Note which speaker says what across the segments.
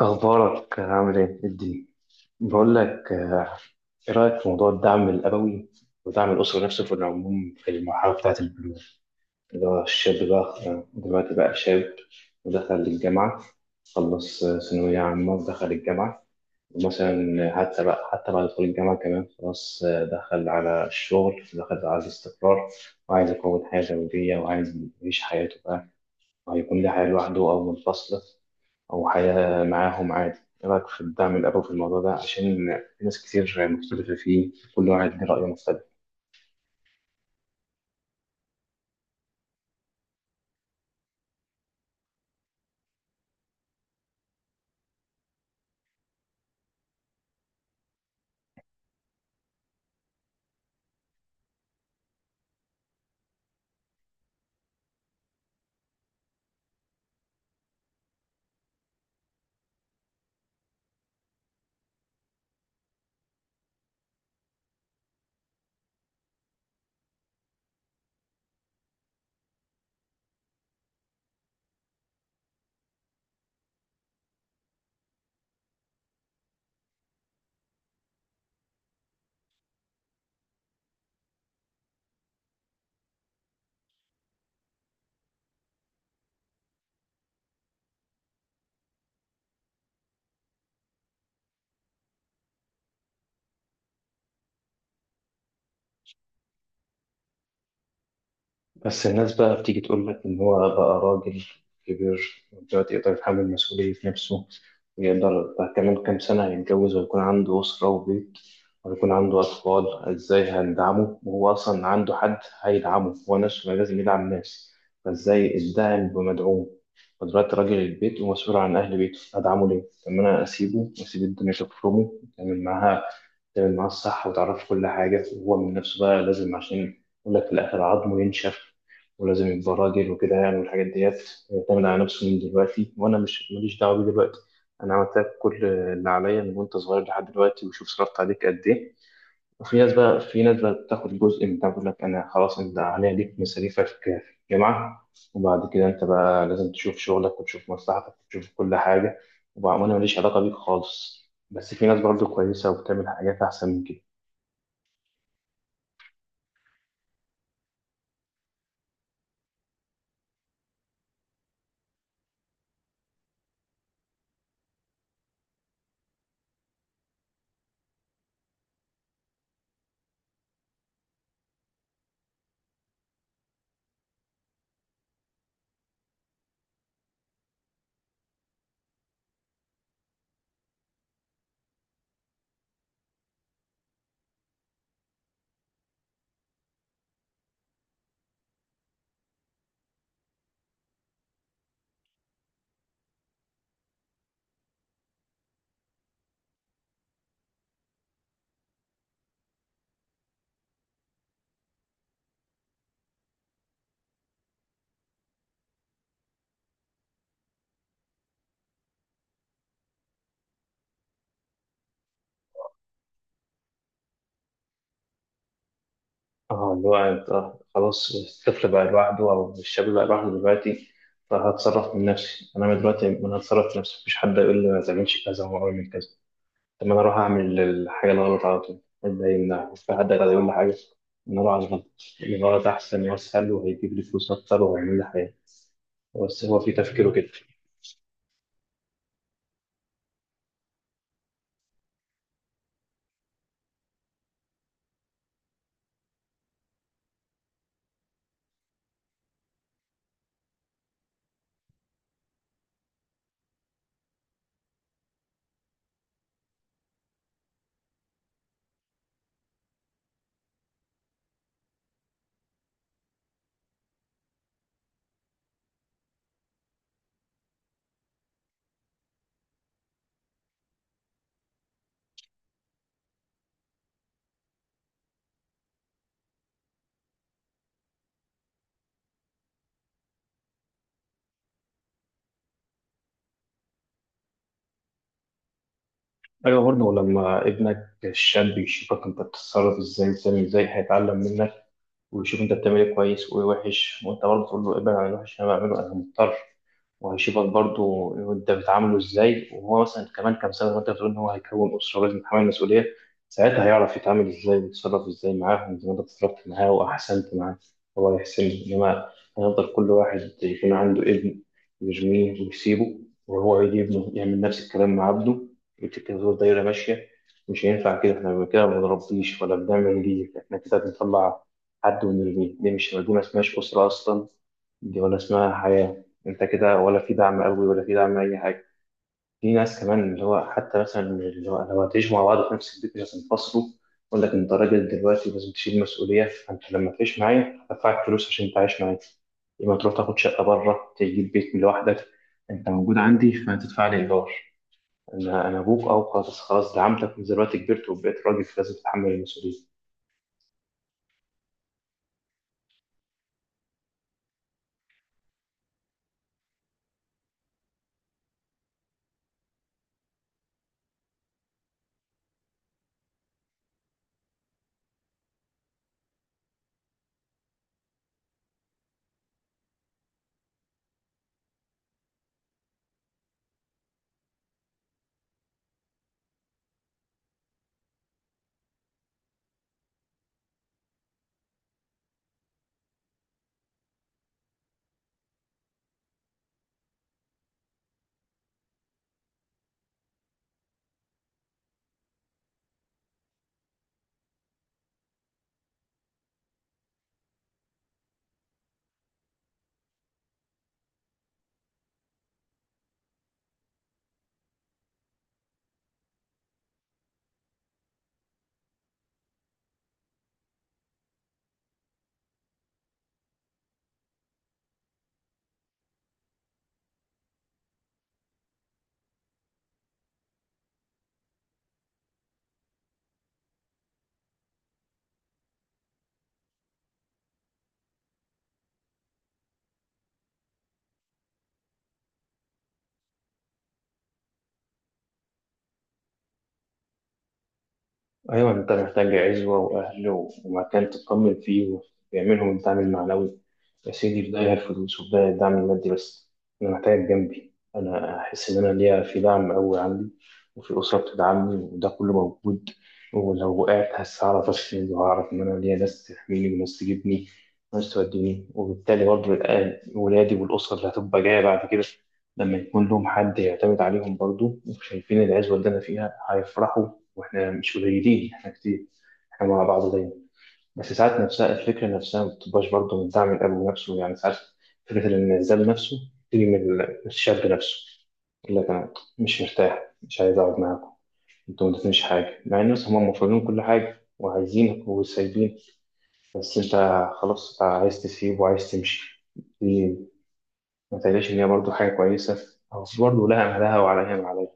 Speaker 1: أخبارك عامل إيه؟ الدين، بقول لك آه، إيه رأيك في موضوع الدعم الأبوي ودعم الأسرة نفسه في العموم في المرحلة بتاعة البلوغ؟ اللي هو الشاب بقى آه، دلوقتي بقى شاب ودخل الجامعة، خلص آه، ثانوية عامة ودخل الجامعة. ومثلا حتى بعد دخول الجامعة كمان خلاص آه، دخل على الشغل، دخل على الاستقرار، وعايز يكون حياة زوجية وعايز يعيش حياته بقى. هيكون ليه حياة لوحده أو منفصلة، أو حياة معاهم عادي؟ إيه رأيك في الدعم الأبوي في الموضوع ده؟ عشان في ناس كتير مختلفة فيه، كل واحد ليه رأي مختلف. بس الناس بقى بتيجي تقول لك إن هو بقى راجل كبير دلوقتي، يقدر يتحمل مسؤولية نفسه، ويقدر بقى كمان كام سنة يتجوز ويكون عنده أسرة وبيت ويكون عنده أطفال. إزاي هندعمه وهو أصلا عنده حد هيدعمه؟ هو نفسه ما لازم يدعم ناس، فإزاي الداعم بمدعوم؟ ودلوقتي راجل البيت ومسؤول عن أهل بيته، هدعمه ليه؟ طب ما أنا أسيبه وأسيب الدنيا تفرمه وتعمل معاها، تعمل معاه الصح وتعرفه كل حاجة، وهو من نفسه بقى لازم، عشان يقول لك في الآخر عظمه ينشف ولازم يبقى راجل وكده يعني والحاجات ديت. يعتمد على نفسه من دلوقتي وأنا مش ماليش دعوة بيه دلوقتي. أنا عملت لك كل اللي عليا من وأنت صغير لحد دلوقتي، وشوف صرفت عليك قد إيه. وفي ناس بقى، بتاخد جزء من ده، بتقول لك انا خلاص، انت عليا ليك مصاريفك في الجامعه، وبعد كده انت بقى لازم تشوف شغلك وتشوف مصلحتك وتشوف كل حاجه، وبقى انا ماليش علاقه بيك خالص. بس في ناس برضه كويسه وبتعمل حاجات احسن من كده. اه، اللي هو انت خلاص، الطفل بقى لوحده او الشاب بقى لوحده دلوقتي، فهتصرف من نفسي انا دلوقتي، انا هتصرف من نفسي مفيش حد يقول لي ما تعملش كذا وما اعمل كذا. طب ما انا اروح اعمل الحاجه الغلط على طول، ده يمنع مش في حد هيقدر يقول لي حاجه ان اروح على الغلط، لان الغلط احسن واسهل وهيجيب لي فلوس اكتر وهيعمل لي حاجه. بس هو في تفكيره كده. ايوه، برضه لما ابنك الشاب يشوفك انت بتتصرف ازاي وبتعمل ازاي هيتعلم منك، ويشوف انت بتعمل ايه كويس وايه وحش، وانت برضه تقول له ابعد عن الوحش اللي انا بعمله انا مضطر. وهيشوفك برضو انت بتعامله ازاي، وهو مثلا كمان كام سنه وانت بتقول ان هو هيكون اسره لازم يتحمل المسؤوليه، ساعتها هيعرف يتعامل ازاي ويتصرف ازاي معاهم. زي ما انت اتصرفت معاه واحسنت معاه، هو يحسن. انما هيفضل كل واحد يكون عنده ابن يرميه ويسيبه، وهو يجي ابنه يعمل نفس الكلام مع عبده، وتبقى دايره ماشيه. مش هينفع كده، احنا كده ما بنربيش ولا بنعمل ليه. احنا كده بنطلع حد ونرميه؟ دي ما اسمهاش اسره اصلا، دي ولا اسمها حياه. انت كده ولا في دعم قوي ولا في دعم اي حاجه. في ناس كمان اللي هو حتى مثلا اللي هو لو هتعيشوا مع بعض في نفس البيت مش هتنفصلوا، يقول لك انت راجل دلوقتي لازم تشيل مسؤوليه، فانت لما تعيش معايا هدفعك فلوس عشان تعيش معايا. يبقى تروح تاخد شقه بره تجيب بيت لوحدك. انت موجود عندي فهتدفع لي ايجار. انا ابوك، او خلاص خلاص دعمتك من دلوقتي كبرت وبقيت راجل فلازم تتحمل المسؤوليه. أيوة، أنت محتاج عزوة وأهل ومكان تطمن فيه ويعملهم الدعم المعنوي. يا سيدي، في داهية الفلوس وفي داهية الدعم المادي، بس أنا محتاج جنبي، أنا أحس إن أنا ليا في دعم قوي عندي وفي أسرة بتدعمني، وده كله موجود. ولو وقعت هعرف أسند، وهعرف إن أنا ليا ناس تحميني وناس تجيبني وناس توديني. وبالتالي برضه ولادي والأسرة اللي هتبقى جاية بعد كده لما يكون لهم حد يعتمد عليهم برضه وشايفين العزوة اللي أنا فيها هيفرحوا. واحنا مش قليلين، احنا كتير، احنا مع بعض دايما. بس ساعات نفسها الفكرة نفسها ما بتبقاش برضه من دعم الأب نفسه يعني. ساعات فكرة الانعزال نفسه تيجي من الشاب نفسه، يقول لك أنا مش مرتاح، مش عايز أقعد معاكم، أنتوا ما ادتنيش حاجة، مع إن مثلا هم مفروضين كل حاجة وعايزينك وسايبين، بس أنت خلاص أنت عايز تسيب وعايز تمشي. دي ما تقلقش، إن هي برضه حاجة كويسة، أو برضه لها أهلها وعليها ما عليها.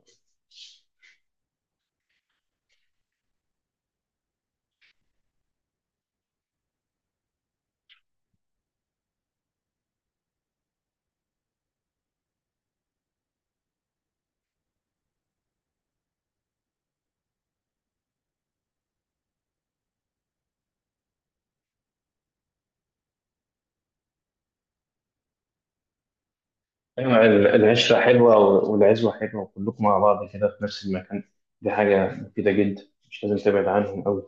Speaker 1: أيوة، العشرة حلوة والعزوة حلوة وكلكم مع بعض كده في نفس المكان، دي حاجة مفيدة جدا، مش لازم تبعد عنهم أوي.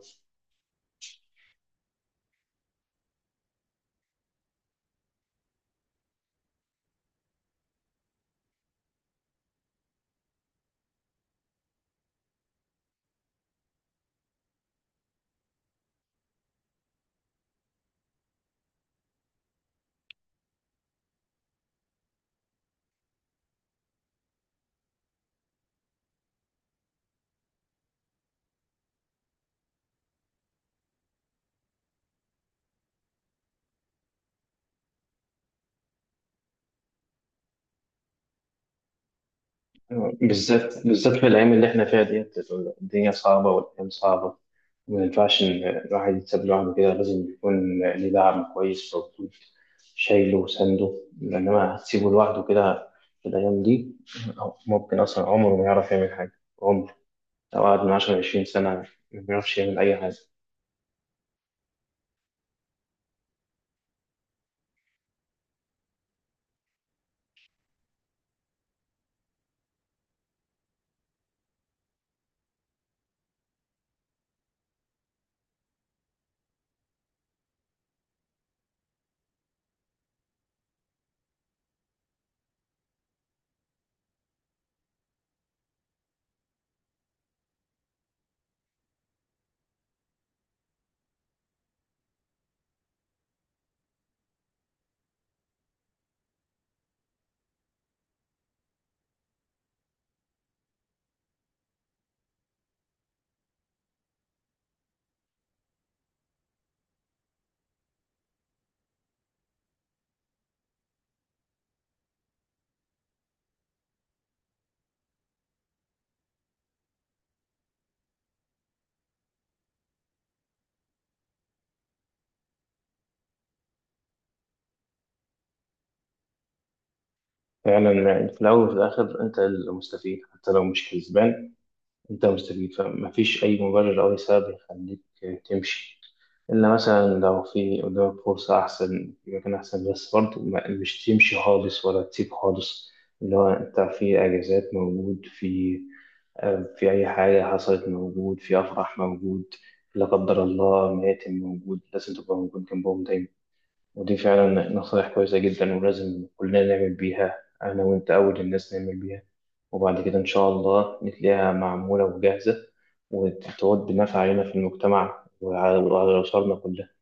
Speaker 1: أيوة، بالذات في الأيام اللي إحنا فيها ديت، الدنيا صعبة والأيام صعبة، ما ينفعش إن الواحد يتساب لوحده كده، لازم يكون ليه دعم كويس موجود شايله وسنده. لأنما هتسيبه لوحده كده في الأيام دي، ممكن أصلا عمره ما يعرف يعمل حاجة. عمره لو قعد من 10 لـ20 سنة ما بيعرفش يعمل أي حاجة. فعلا، يعني في الأول وفي الآخر أنت المستفيد، حتى لو مش كسبان أنت مستفيد، فمفيش أي مبرر أو أي سبب يخليك تمشي، إلا مثلا لو في قدامك فرصة أحسن في مكان أحسن. بس برضه مش تمشي خالص ولا تسيب خالص. اللي هو أنت في أجازات موجود، في أي حاجة حصلت موجود، في أفراح موجود، لا قدر الله ميتم موجود. لازم تبقى موجود جنبهم دايما. ودي فعلا نصايح كويسة جدا ولازم كلنا نعمل بيها، أنا وأنت أول الناس نعمل بيها، وبعد كده إن شاء الله نتلاقيها معمولة وجاهزة وتعود بنفع علينا في المجتمع وعلى وعلى أسرنا كلها.